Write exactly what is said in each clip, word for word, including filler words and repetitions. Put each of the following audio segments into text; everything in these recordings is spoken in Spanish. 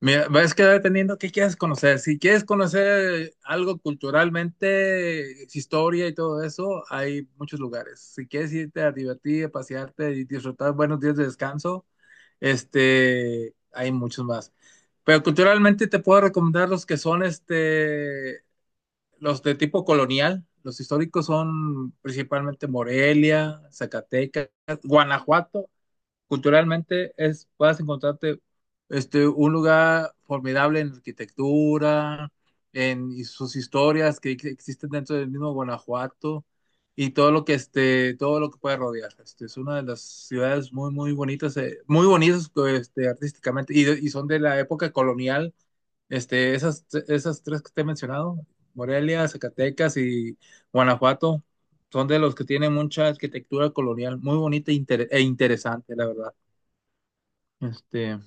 Mira, es que va dependiendo qué quieres conocer. Si quieres conocer algo culturalmente, historia y todo eso, hay muchos lugares. Si quieres irte a divertir, a pasearte y disfrutar buenos días de descanso, este, hay muchos más. Pero culturalmente te puedo recomendar los que son este, los de tipo colonial. Los históricos son principalmente Morelia, Zacatecas, Guanajuato culturalmente es, vas a encontrarte este, un lugar formidable en arquitectura, en y sus historias que ex- existen dentro del mismo Guanajuato y todo lo que este, todo lo que puede rodear. Este, es una de las ciudades muy muy bonitas, eh, muy bonitas este, artísticamente y, de- y son de la época colonial. Este, esas, esas tres que te he mencionado, Morelia, Zacatecas y Guanajuato, son de los que tienen mucha arquitectura colonial, muy bonita e inter- e interesante, la verdad. Este,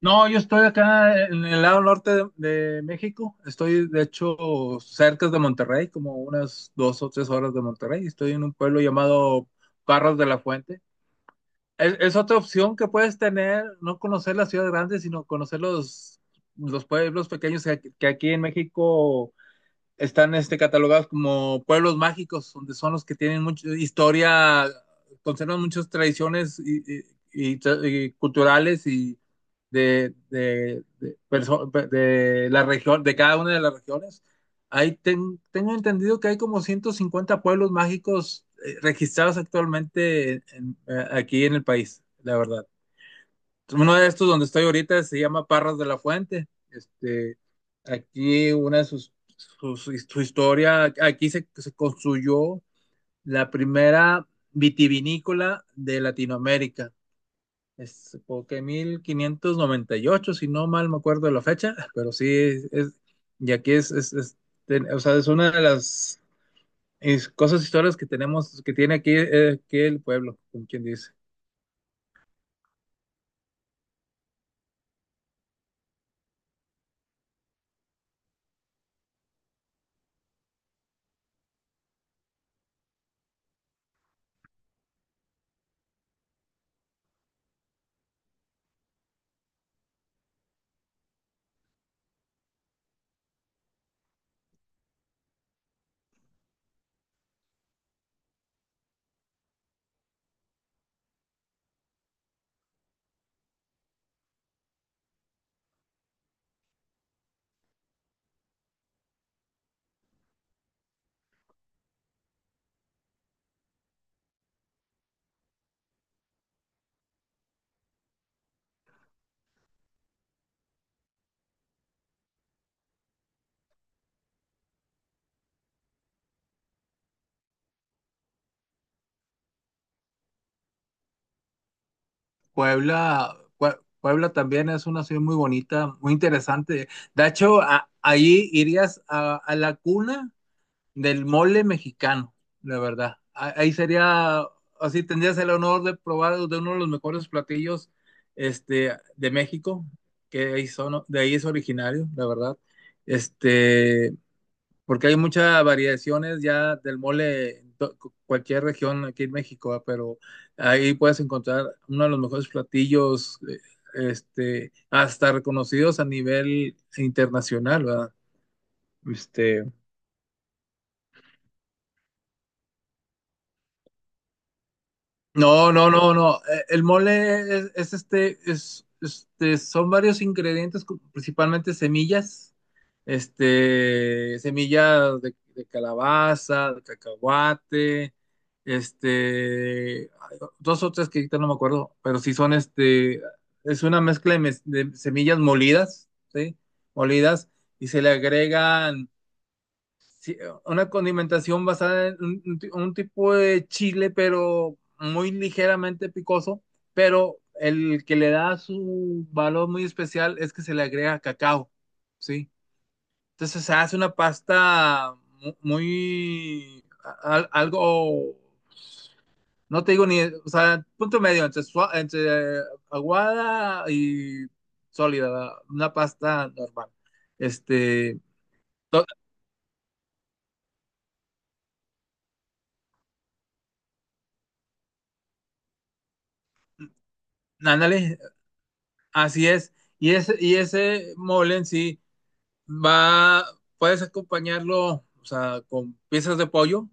no, yo estoy acá en el lado norte de, de México. Estoy, de hecho, cerca de Monterrey, como unas dos o tres horas de Monterrey. Estoy en un pueblo llamado Parras de la Fuente. Es, es otra opción que puedes tener, no conocer la ciudad grande, sino conocer los, los pueblos pequeños que, que aquí en México están este, catalogados como pueblos mágicos, donde son los que tienen mucha historia, conservan muchas tradiciones y, y- y y culturales y de, de, de, perso- de la región, de cada una de las regiones. Ahí ten- tengo entendido que hay como ciento cincuenta pueblos mágicos eh, registrados actualmente en- en- eh, aquí en el país, la verdad. Uno de estos donde estoy ahorita se llama Parras de la Fuente. Este, aquí una de sus, sus- su historia, aquí se, se construyó la primera vitivinícola de Latinoamérica. Es porque mil quinientos noventa y ocho, si no mal me acuerdo de la fecha, pero sí, es, es- y aquí es, es, es- ten- o sea, es una de las es, cosas, historias que tenemos, que tiene aquí, eh, aquí el pueblo, como quien dice. Puebla, Pue- Puebla también es una ciudad muy bonita, muy interesante. De hecho, a- ahí irías a, a la cuna del mole mexicano, la verdad. A- Ahí sería, así tendrías el honor de probar de uno de los mejores platillos este, de México, que ahí son, de ahí es originario, la verdad. Este, Porque hay muchas variaciones ya del mole en to- cu- cualquier región aquí en México, ah, pero ahí puedes encontrar uno de los mejores platillos, eh, este, hasta reconocidos a nivel internacional, ¿verdad? Este, No, no, no, no. Eh, El mole es, es este, es, este, son varios ingredientes, cu- principalmente semillas, este, semillas de, de calabaza, de cacahuate, este, ay, dos o tres que ahorita no me acuerdo, pero sí son este, es una mezcla de, mes- de semillas molidas, ¿sí? Molidas, y se le agregan sí, eh, una condimentación basada en un, un ti- un tipo de chile, pero muy ligeramente picoso, pero el que le da su valor muy especial es que se le agrega cacao, ¿sí? Entonces se hace una pasta mu- muy, al- algo, no te digo ni, o sea, punto medio entre, sua- entre aguada y sólida, una pasta normal. Este, to- Ándale, así es. Y ese, y ese mole en sí va, puedes acompañarlo, o sea, con piezas de pollo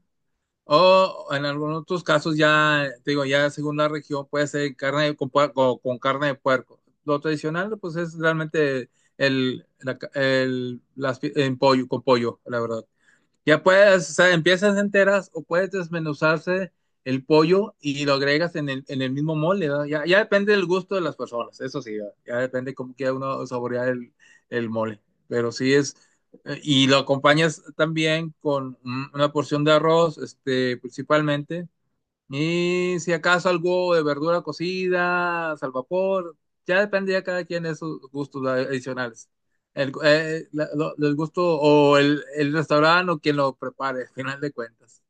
o en algunos otros casos ya, te digo, ya según la región puede ser carne de- con, puer- o con carne de puerco. Lo tradicional pues es realmente el, la ca- el- las pi- en pollo, con pollo, la verdad. Ya puedes, o sea, empiezas enteras o puedes desmenuzarse el pollo y lo agregas en el, en el mismo mole, ¿verdad? Ya, ya depende del gusto de las personas, eso sí, ¿verdad? Ya depende cómo quiera uno saborear el, el mole. Pero sí es, eh, y lo acompañas también con un- una porción de arroz, este, principalmente, y si acaso algo de verdura cocida, al vapor, ya depende ya cada quien de sus gustos adicionales. El, eh, la- lo- el gusto o el, el restaurante o quien lo prepare, al final de cuentas.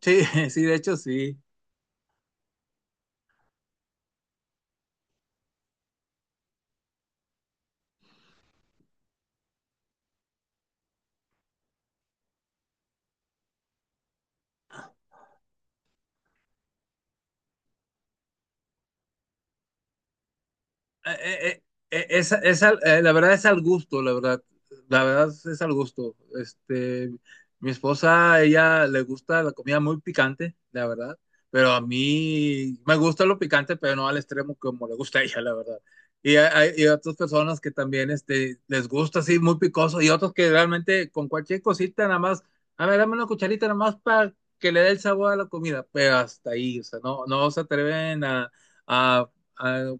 Sí, sí, de hecho sí. eh, eh, eh, eh, es, es al- eh, la verdad es al gusto, la verdad. La verdad es al gusto. Este, mi esposa, ella le gusta la comida muy picante, la verdad. Pero a mí me gusta lo picante, pero no al extremo como le gusta a ella, la verdad. Y hay, hay otras personas que también este, les gusta así muy picoso y otros que realmente con cualquier cosita nada más, a ver, dame una cucharita nada más para que le dé el sabor a la comida, pero hasta ahí, o sea, no, no se atreven a a- a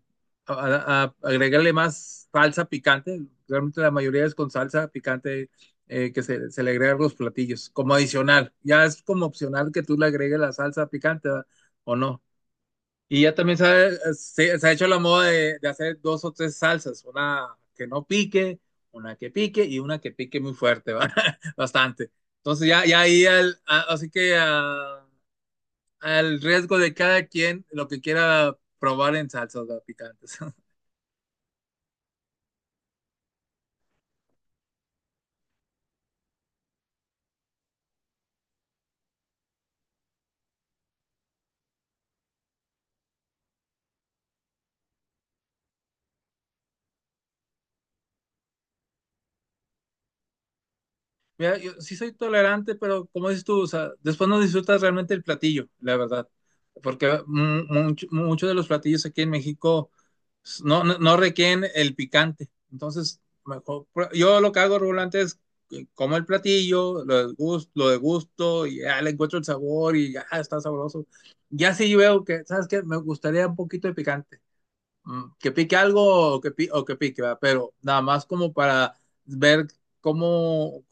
a- a- agregarle más salsa picante. Realmente la mayoría es con salsa picante eh, que se, se le agrega a los platillos, como adicional. Ya es como opcional que tú le agregues la salsa picante, ¿verdad? O no. Y ya también se ha, se, se ha hecho la moda de, de hacer dos o tres salsas, una que no pique, una que pique y una que pique muy fuerte, ¿verdad? Bastante. Entonces ya, ya ahí, al- a- así que ah, al riesgo de cada quien lo que quiera probar en salsas, ¿verdad? Picantes. Mira, yo sí soy tolerante, pero como dices tú, o sea, después no disfrutas realmente el platillo, la verdad. Porque mu- mucho- muchos de los platillos aquí en México s- no, no, no requieren el picante. Entonces, mejor- yo lo que hago regularmente es que como el platillo, lo degusto, lo degusto y ya le encuentro el sabor y ya está sabroso. Ya sí veo que, ¿sabes qué? Me gustaría un poquito de picante. Mm, Que pique algo o que, pi- o que pique, ¿verdad? Pero nada más como para ver cómo,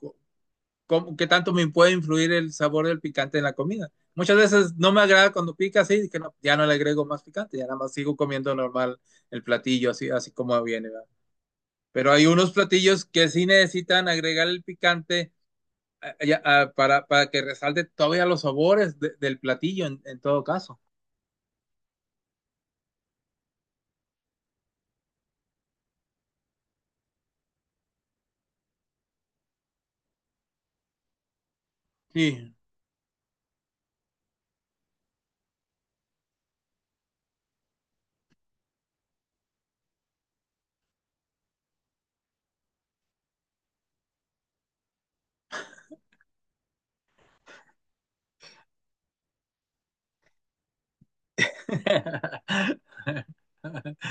cómo- qué tanto me puede influir el sabor del picante en la comida. Muchas veces no me agrada cuando pica así, que no- ya no le agrego más picante, ya nada más sigo comiendo normal el platillo así, así como viene, ¿verdad? Pero hay unos platillos que sí necesitan agregar el picante ah, ya, ah, para, para que resalte todavía los sabores de- del platillo en, en todo caso. Sí.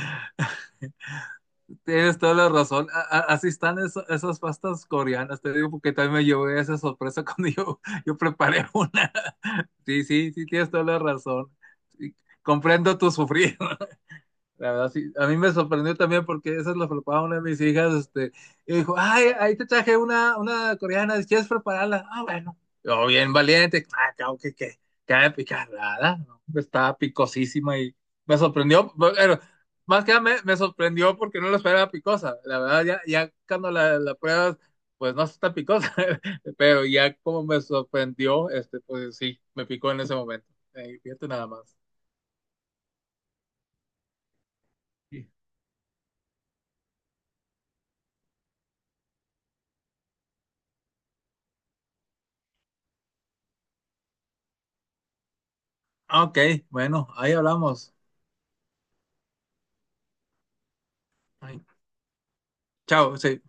Tienes toda la razón. A- a- así están eso- esas pastas coreanas. Te digo porque también me llevé esa sorpresa cuando yo, yo preparé una. Sí, sí, sí, tienes toda la razón. Sí, comprendo tu sufrir. La verdad, sí. A mí me sorprendió también porque esa es la preparaba una de mis hijas, este, y dijo, ay, ahí te traje una, una coreana, si quieres prepararla. Ah, bueno. Yo bien valiente, ah, claro que, que, que ha de picar nada, ¿no? Pues, estaba picosísima y me sorprendió, pero más que nada me, me sorprendió porque no la esperaba picosa. La verdad, ya, ya cuando la, la pruebas, pues no está picosa, pero ya como me sorprendió, este, pues sí, me picó en ese momento. Eh, fíjate nada más. Sí. Ah, ok, bueno, ahí hablamos. Ay, chao, sí.